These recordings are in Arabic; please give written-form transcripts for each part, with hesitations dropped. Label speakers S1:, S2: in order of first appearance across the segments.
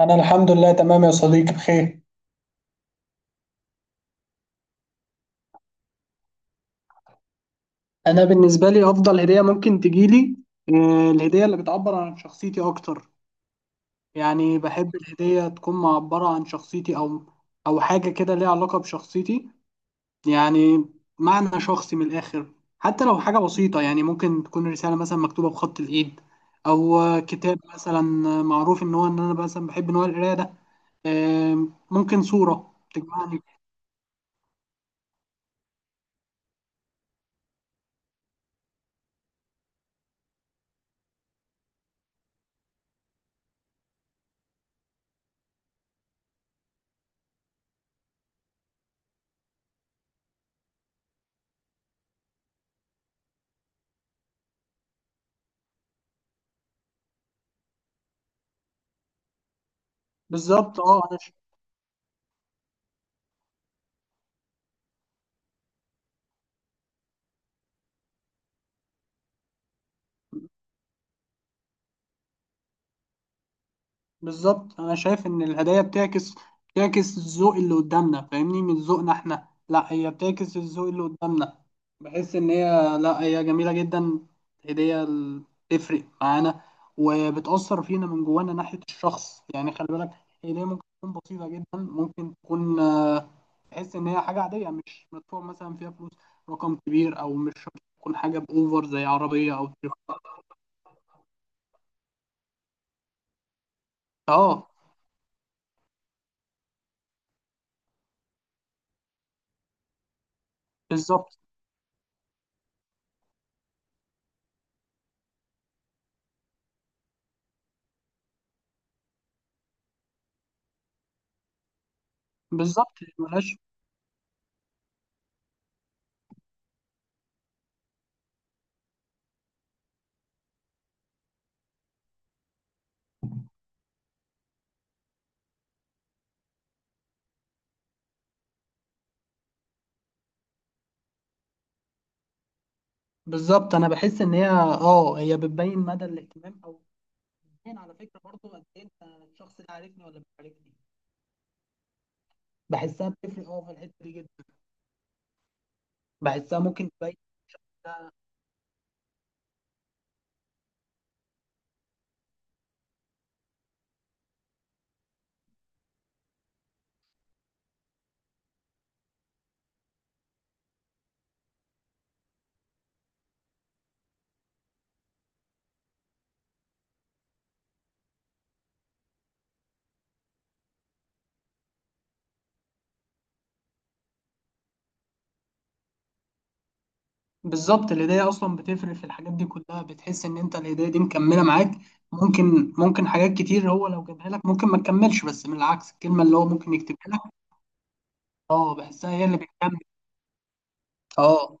S1: انا الحمد لله تمام يا صديقي، بخير. انا بالنسبه لي افضل هديه ممكن تجيلي، الهديه اللي بتعبر عن شخصيتي اكتر. يعني بحب الهديه تكون معبره عن شخصيتي او حاجه كده ليها علاقه بشخصيتي، يعني معنى شخصي من الاخر. حتى لو حاجه بسيطه، يعني ممكن تكون رساله مثلا مكتوبه بخط الايد او كتاب مثلا. معروف ان انا مثلا بحب نوع القرايه ده. ممكن صوره تجمعني. بالظبط. اه انا بالظبط انا شايف ان الهدايا بتعكس الذوق اللي قدامنا، فاهمني، من ذوقنا احنا؟ لا، هي بتعكس الذوق اللي قدامنا. بحس ان هي، لا، هي جميله جدا. هديه تفرق معانا وبتاثر فينا من جوانا ناحيه الشخص، يعني خلي بالك. هديه ممكن تكون بسيطه جدا، ممكن تكون تحس ان هي حاجه عاديه، مش مدفوع مثلا فيها فلوس رقم كبير، او مش شرط تكون حاجه باوفر زي عربيه او تليفون. اه، بالظبط. بالظبط ملهاش. بالظبط انا بحس ان هي، هي بتبين مدى الاهتمام، او بتبين على فكره برضو قد ايه انت، الشخص ده عارفني ولا مش عارفني. بحسها بتفرق، في الحته دي جدا. بحسها ممكن تبين. بالظبط. الهدايا اصلا بتفرق في الحاجات دي كلها، بتحس ان انت الهدايا دي مكمله معاك. ممكن حاجات كتير هو لو جابها لك ممكن ما تكملش، بس من العكس الكلمه اللي هو ممكن يكتبها لك. اه، بحسها هي اللي بتكمل. اه،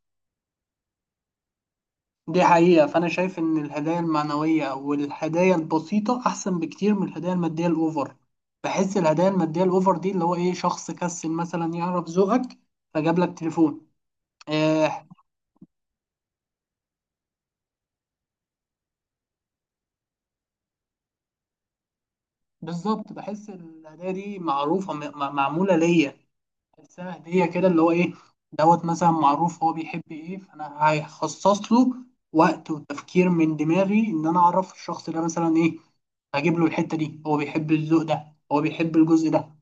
S1: دي حقيقة. فأنا شايف إن الهدايا المعنوية أو الهدايا البسيطة أحسن بكتير من الهدايا المادية الأوفر. بحس الهدايا المادية الأوفر دي اللي هو إيه، شخص كسل مثلا يعرف ذوقك فجاب لك تليفون. آه، بالظبط. بحس الهدايا دي معروفة، معمولة ليا. بحسها هدية كده اللي هو إيه، دوت مثلا، معروف هو بيحب إيه، فأنا هخصص له وقت وتفكير من دماغي إن أنا أعرف الشخص ده مثلا إيه، هجيب له الحتة دي، هو بيحب الذوق ده، هو بيحب الجزء ده.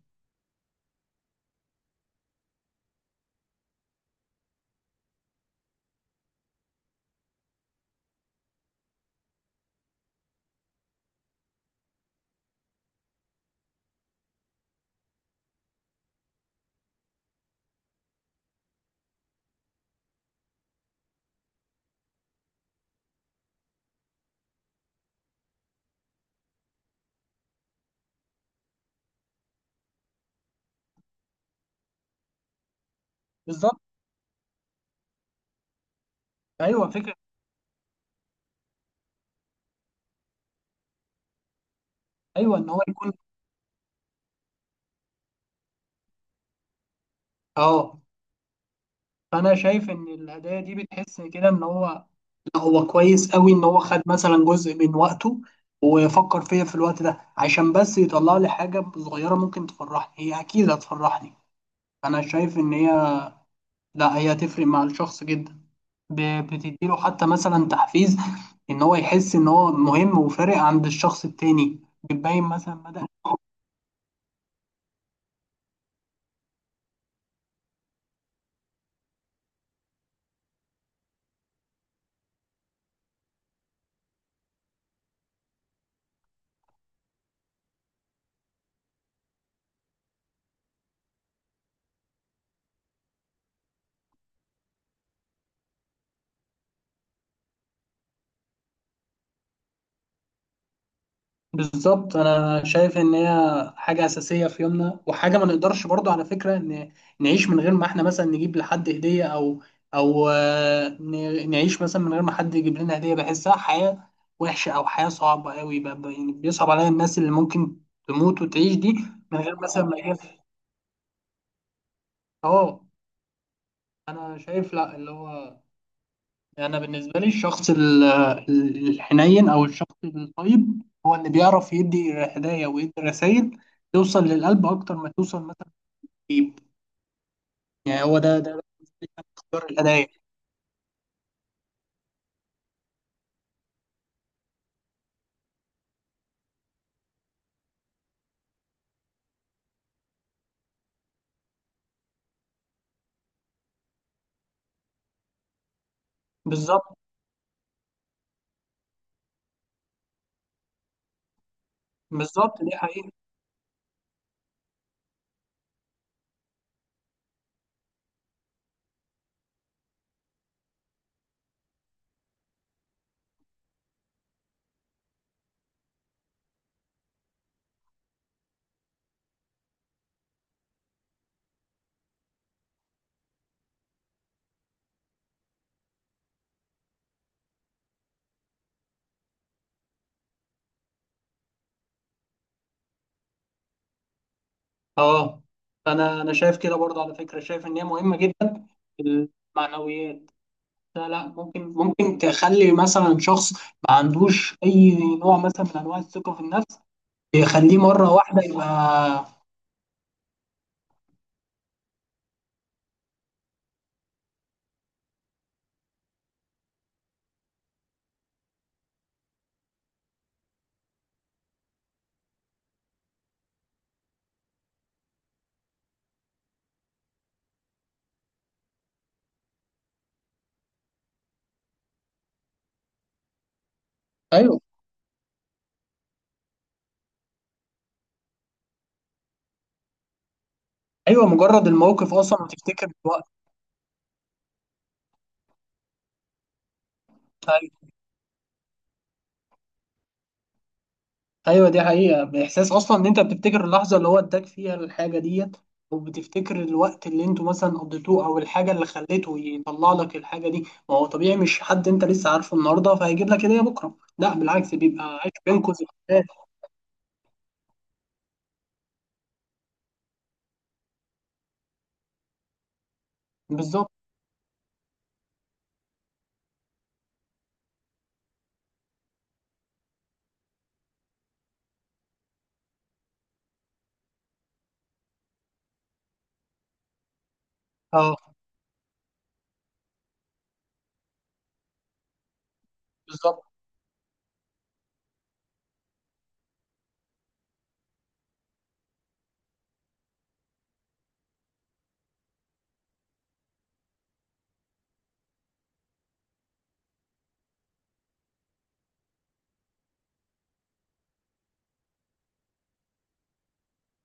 S1: بالظبط. ايوه، فكره. ايوه، ان هو يكون. اه، فانا شايف ان الهدايا دي بتحس كده ان هو، لا، هو كويس قوي ان هو خد مثلا جزء من وقته وفكر فيا في الوقت ده عشان بس يطلع لي حاجه صغيره ممكن تفرحني، هي اكيد هتفرحني. انا شايف ان هي، لا، هي هتفرق مع الشخص جدا. بتديله حتى مثلا تحفيز، ان هو يحس ان هو مهم وفارق عند الشخص التاني، بتبين مثلا مدى. بالظبط. انا شايف ان هي حاجه اساسيه في يومنا، وحاجه ما نقدرش برضو على فكره ان نعيش من غير ما احنا مثلا نجيب لحد هديه، او نعيش مثلا من غير ما حد يجيب لنا هديه. بحسها حياه وحشه او حياه صعبه قوي. يعني بيصعب عليا الناس اللي ممكن تموت وتعيش دي من غير مثلا ما يجيب. اه، انا شايف، لا اللي هو، يعني أنا بالنسبة لي الشخص الحنين أو الشخص الطيب هو اللي بيعرف يدي هدايا ويدي رسائل توصل للقلب أكتر ما توصل مثلا للجيب. يعني هو ده اختيار الهدايا. بالظبط. بالظبط، دي حقيقة. أه، أنا شايف كده برضه على فكرة، شايف إن هي مهمة جدا، المعنويات. لا لا، ممكن تخلي مثلا شخص ما عندوش أي نوع مثلا من أنواع الثقة في النفس يخليه مرة واحدة يبقى. ايوه. ايوه، مجرد الموقف اصلا وتفتكر الوقت. أي- ايوه، دي حقيقه، باحساس اصلا ان انت بتفتكر اللحظه اللي هو اداك فيها الحاجه ديت، وبتفتكر الوقت اللي انتوا مثلا قضيتوه او الحاجه اللي خليته يطلع لك الحاجه دي. ما هو طبيعي، مش حد انت لسه عارفه النهارده فهيجيب لك هديه بكره، لا بالعكس بيبقى عايش بينكوا ذكريات. بالظبط. اه، بالظبط.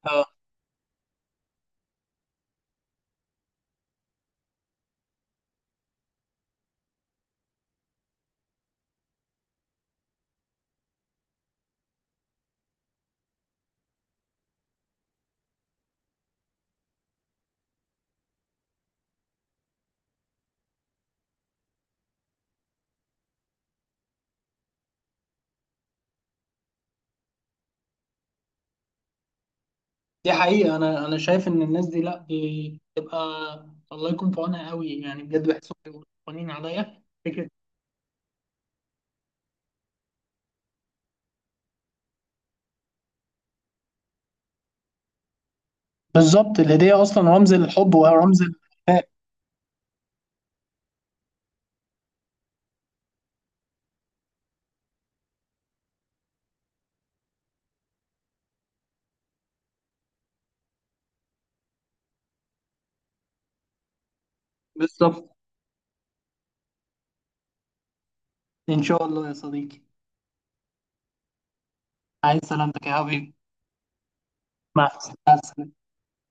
S1: اه، دي حقيقه. انا شايف ان الناس دي، لا، بتبقى الله يكون في عونها قوي، يعني بجد بحسهم بيبقوا قوانين عليا، فكره. بالظبط. الهدية أصلا رمز الحب ورمز الوفاء. بالظبط. إن شاء الله يا صديقي. عايز سلامتك يا حبيبي. مع السلامة.